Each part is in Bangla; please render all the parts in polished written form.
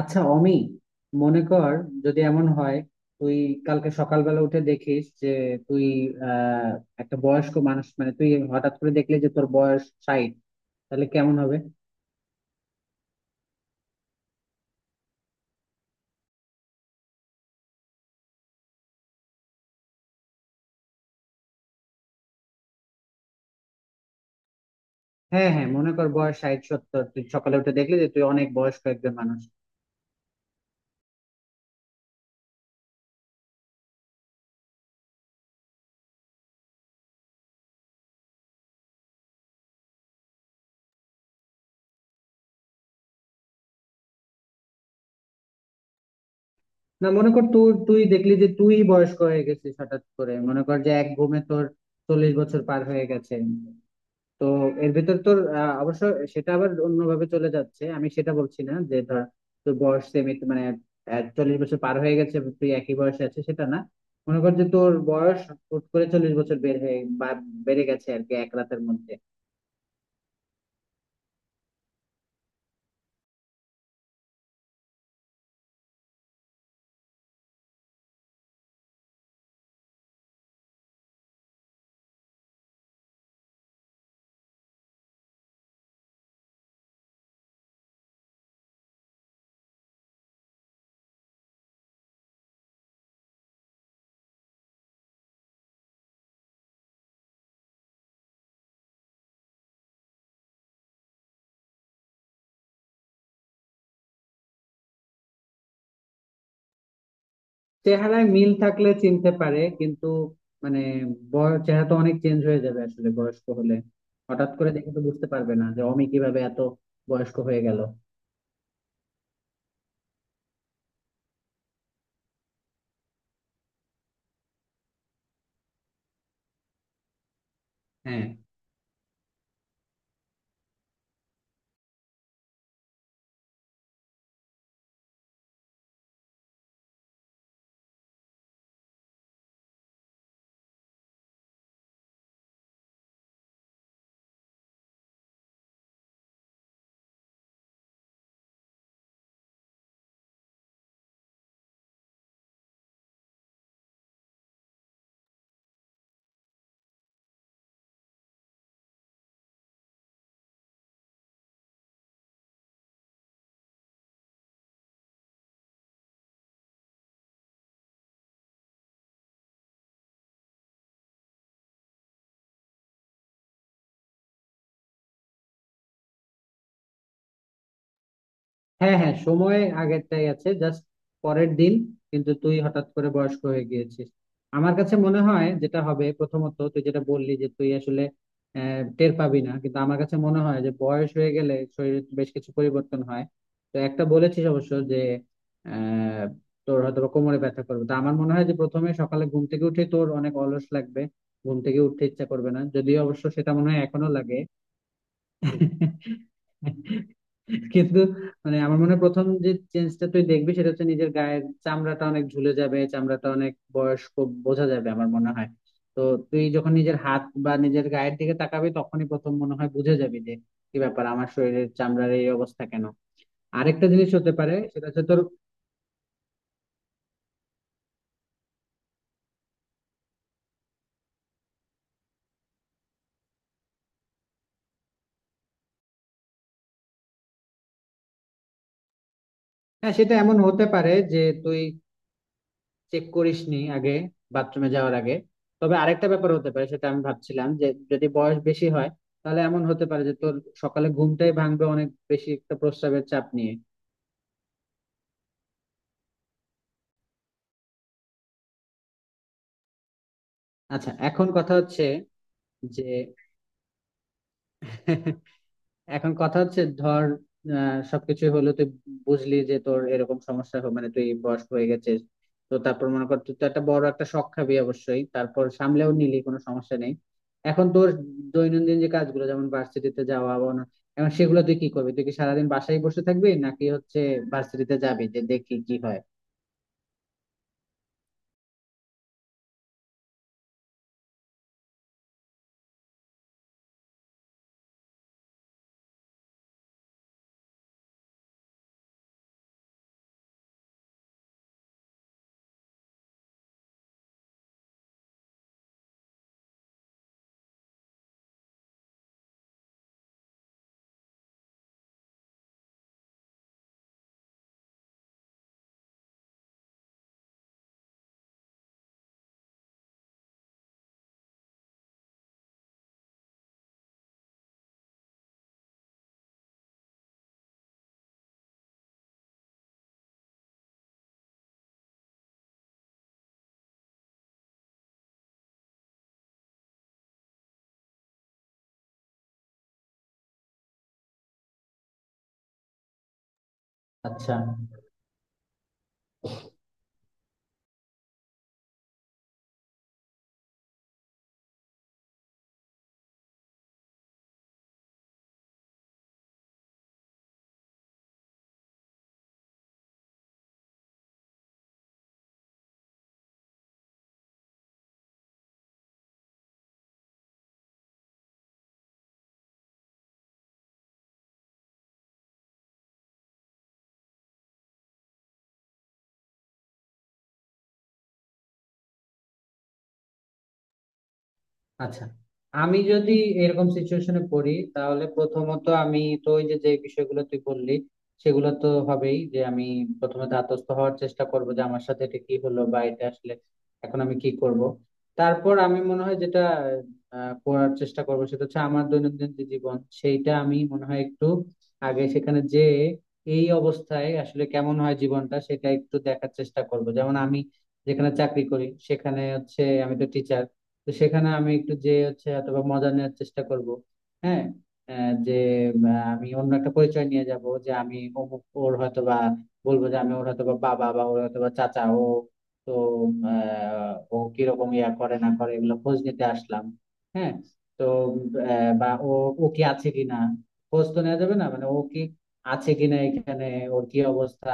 আচ্ছা অমি, মনে কর, যদি এমন হয় তুই কালকে সকালবেলা উঠে দেখিস যে তুই আহ একটা বয়স্ক মানুষ। মানে তুই হঠাৎ করে দেখলি যে তোর বয়স 60। তাহলে কেমন হবে? হ্যাঁ, হ্যাঁ, মনে কর বয়স 60, 70, তুই সকালে উঠে দেখলি যে তুই অনেক বয়স্ক একজন মানুষ। না, মনে কর তুই তুই দেখলি যে তুই বয়স্ক হয়ে গেছিস। হঠাৎ করে মনে কর যে এক ঘুমে তোর 40 বছর পার হয়ে গেছে। তো এর ভিতর তোর অবশ্য সেটা আবার অন্যভাবে চলে যাচ্ছে। আমি সেটা বলছি না যে ধর তোর বয়স সেমি মানে 40 বছর পার হয়ে গেছে তুই একই বয়সে আছে, সেটা না। মনে কর যে তোর বয়স হুট করে 40 বছর বের হয়ে বা বেড়ে গেছে আর কি, এক রাতের মধ্যে। চেহারায় মিল থাকলে চিনতে পারে, কিন্তু মানে বয়স চেহারা তো অনেক চেঞ্জ হয়ে যাবে আসলে বয়স্ক হলে। হঠাৎ করে দেখে তো বুঝতে পারবে না যে অমি কিভাবে এত বয়স্ক হয়ে গেল। হ্যাঁ, হ্যাঁ, হ্যাঁ, সময় আগেরটাই আছে, জাস্ট পরের দিন। কিন্তু তুই হঠাৎ করে বয়স্ক হয়ে গিয়েছিস। আমার কাছে মনে হয় যেটা হবে প্রথমত তুই যেটা বললি যে তুই আসলে টের পাবি না, কিন্তু আমার কাছে মনে হয় যে বয়স হয়ে গেলে শরীরে বেশ কিছু পরিবর্তন হয়। তো একটা বলেছিস অবশ্য যে আহ তোর হয়তো বা কোমরে ব্যথা করবে। তো আমার মনে হয় যে প্রথমে সকালে ঘুম থেকে উঠে তোর অনেক অলস লাগবে। ঘুম থেকে উঠতে ইচ্ছা করবে না, যদিও অবশ্য সেটা মনে হয় এখনো লাগে। কিন্তু মানে আমার মনে হয় প্রথম যে চেঞ্জটা তুই দেখবি সেটা হচ্ছে নিজের গায়ের চামড়াটা অনেক ঝুলে যাবে, চামড়াটা অনেক বয়স্ক বোঝা যাবে আমার মনে হয়। তো তুই যখন নিজের হাত বা নিজের গায়ের দিকে তাকাবি তখনই প্রথম মনে হয় বুঝে যাবি যে কি ব্যাপার, আমার শরীরের চামড়ার এই অবস্থা কেন। আরেকটা জিনিস হতে পারে সেটা হচ্ছে তোর। হ্যাঁ, সেটা এমন হতে পারে যে তুই চেক করিস নি আগে, বাথরুমে যাওয়ার আগে। তবে আরেকটা ব্যাপার হতে পারে, সেটা আমি ভাবছিলাম যে যদি বয়স বেশি হয় তাহলে এমন হতে পারে যে তোর সকালে ঘুমটাই ভাঙবে অনেক বেশি একটা প্রস্রাবের চাপ নিয়ে। আচ্ছা, এখন কথা হচ্ছে যে এখন কথা হচ্ছে ধর সবকিছু হলো, তুই বুঝলি যে তোর এরকম সমস্যা হবে মানে তুই বয়স হয়ে গেছিস। তো তারপর মনে কর তুই তো একটা বড় একটা শখ খাবি অবশ্যই, তারপর সামলেও নিলি কোনো সমস্যা নেই। এখন তোর দৈনন্দিন যে কাজগুলো যেমন ভার্সিটিতে যাওয়া বা এখন সেগুলো তুই কি করবি? তুই কি সারাদিন বাসায় বসে থাকবি, নাকি হচ্ছে ভার্সিটিতে যাবি যে দেখি কি হয়? আচ্ছা, আচ্ছা, আমি যদি এরকম সিচুয়েশনে পড়ি তাহলে প্রথমত আমি তো ওই যে যে বিষয়গুলো তুই বললি সেগুলো তো হবেই, যে আমি প্রথমে ধাতস্থ হওয়ার চেষ্টা করব যে আমার সাথে এটা কি হলো বা এটা আসলে এখন আমি কি করব। তারপর আমি মনে হয় যেটা করার চেষ্টা করবো সেটা হচ্ছে আমার দৈনন্দিন যে জীবন সেইটা আমি মনে হয় একটু আগে সেখানে যে এই অবস্থায় আসলে কেমন হয় জীবনটা, সেটা একটু দেখার চেষ্টা করব। যেমন আমি যেখানে চাকরি করি সেখানে হচ্ছে আমি তো টিচার। তো সেখানে আমি একটু যে হচ্ছে অথবা মজা নেওয়ার চেষ্টা করব। হ্যাঁ, যে উম, আমি অন্য একটা পরিচয় নিয়ে যাব যে আমি অমুক ওর হয়তো বা, বলবো যে আমি ওর হয়তো বা বাবা বা ওর হয়তো বা চাচা ও। তো ও কিরকম ইয়া করে না করে এগুলো খোঁজ নিতে আসলাম। হ্যাঁ, তো বা ও ও কি আছে কিনা। খোঁজ তো নেওয়া যাবে না মানে ও কি আছে কিনা এখানে, ওর কি অবস্থা,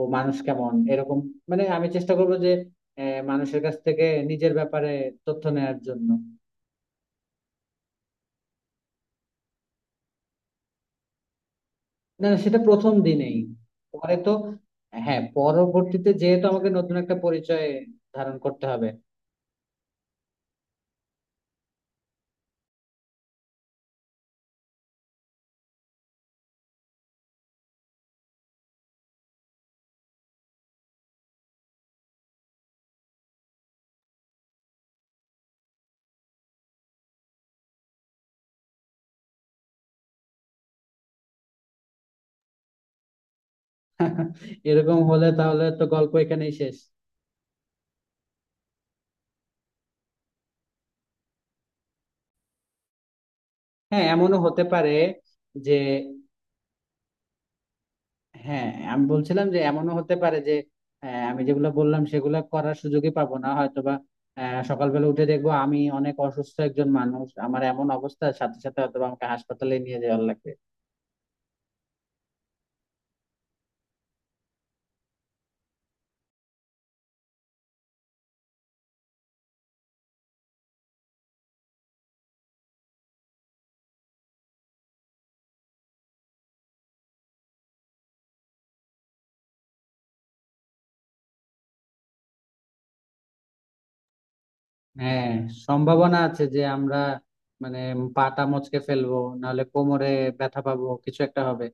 ও মানুষ কেমন, এরকম। মানে আমি চেষ্টা করবো যে মানুষের কাছ থেকে নিজের ব্যাপারে তথ্য নেয়ার জন্য। না, না, সেটা প্রথম দিনেই, পরে তো। হ্যাঁ, পরবর্তীতে যেহেতু আমাকে নতুন একটা পরিচয় ধারণ করতে হবে। এরকম হলে তাহলে তো গল্প এখানেই শেষ। হ্যাঁ, এমনও হতে পারে যে। হ্যাঁ, আমি বলছিলাম যে এমনও হতে পারে যে আমি যেগুলো বললাম সেগুলো করার সুযোগই পাবো না হয়তোবা। সকালবেলা উঠে দেখবো আমি অনেক অসুস্থ একজন মানুষ, আমার এমন অবস্থা সাথে সাথে হয়তো বা আমাকে হাসপাতালে নিয়ে যাওয়ার লাগবে। হ্যাঁ, সম্ভাবনা আছে যে আমরা মানে পাটা মচকে ফেলবো, নাহলে কোমরে ব্যথা পাবো, কিছু একটা হবে।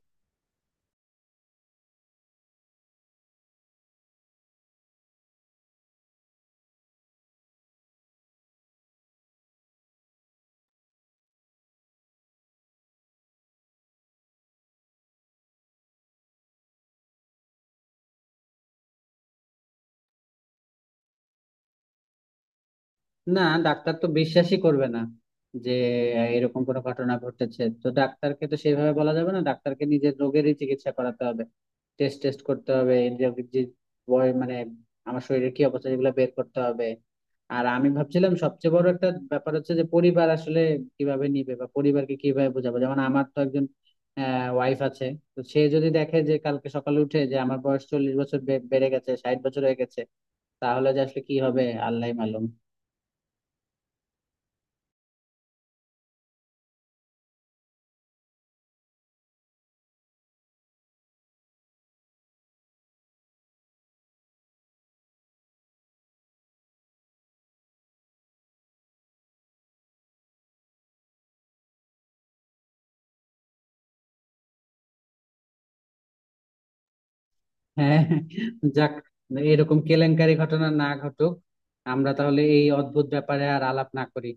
না, ডাক্তার তো বিশ্বাসই করবে না যে এরকম কোনো ঘটনা ঘটেছে। তো ডাক্তারকে তো সেইভাবে বলা যাবে না, ডাক্তারকে নিজের রোগেরই চিকিৎসা করাতে হবে। টেস্ট টেস্ট করতে হবে। এই যে যে বয় মানে আমার শরীরের কি অবস্থা, এগুলো বের করতে হবে। আর আমি ভাবছিলাম সবচেয়ে বড় একটা ব্যাপার হচ্ছে যে পরিবার আসলে কিভাবে নিবে বা পরিবারকে কিভাবে বোঝাবো। যেমন আমার তো একজন ওয়াইফ আছে। তো সে যদি দেখে যে কালকে সকালে উঠে যে আমার বয়স 40 বছর বেড়ে গেছে, 60 বছর হয়ে গেছে, তাহলে যে আসলে কি হবে আল্লাহই মালুম। হ্যাঁ, যাক, এরকম কেলেঙ্কারি ঘটনা না ঘটুক। আমরা তাহলে এই অদ্ভুত ব্যাপারে আর আলাপ না করি।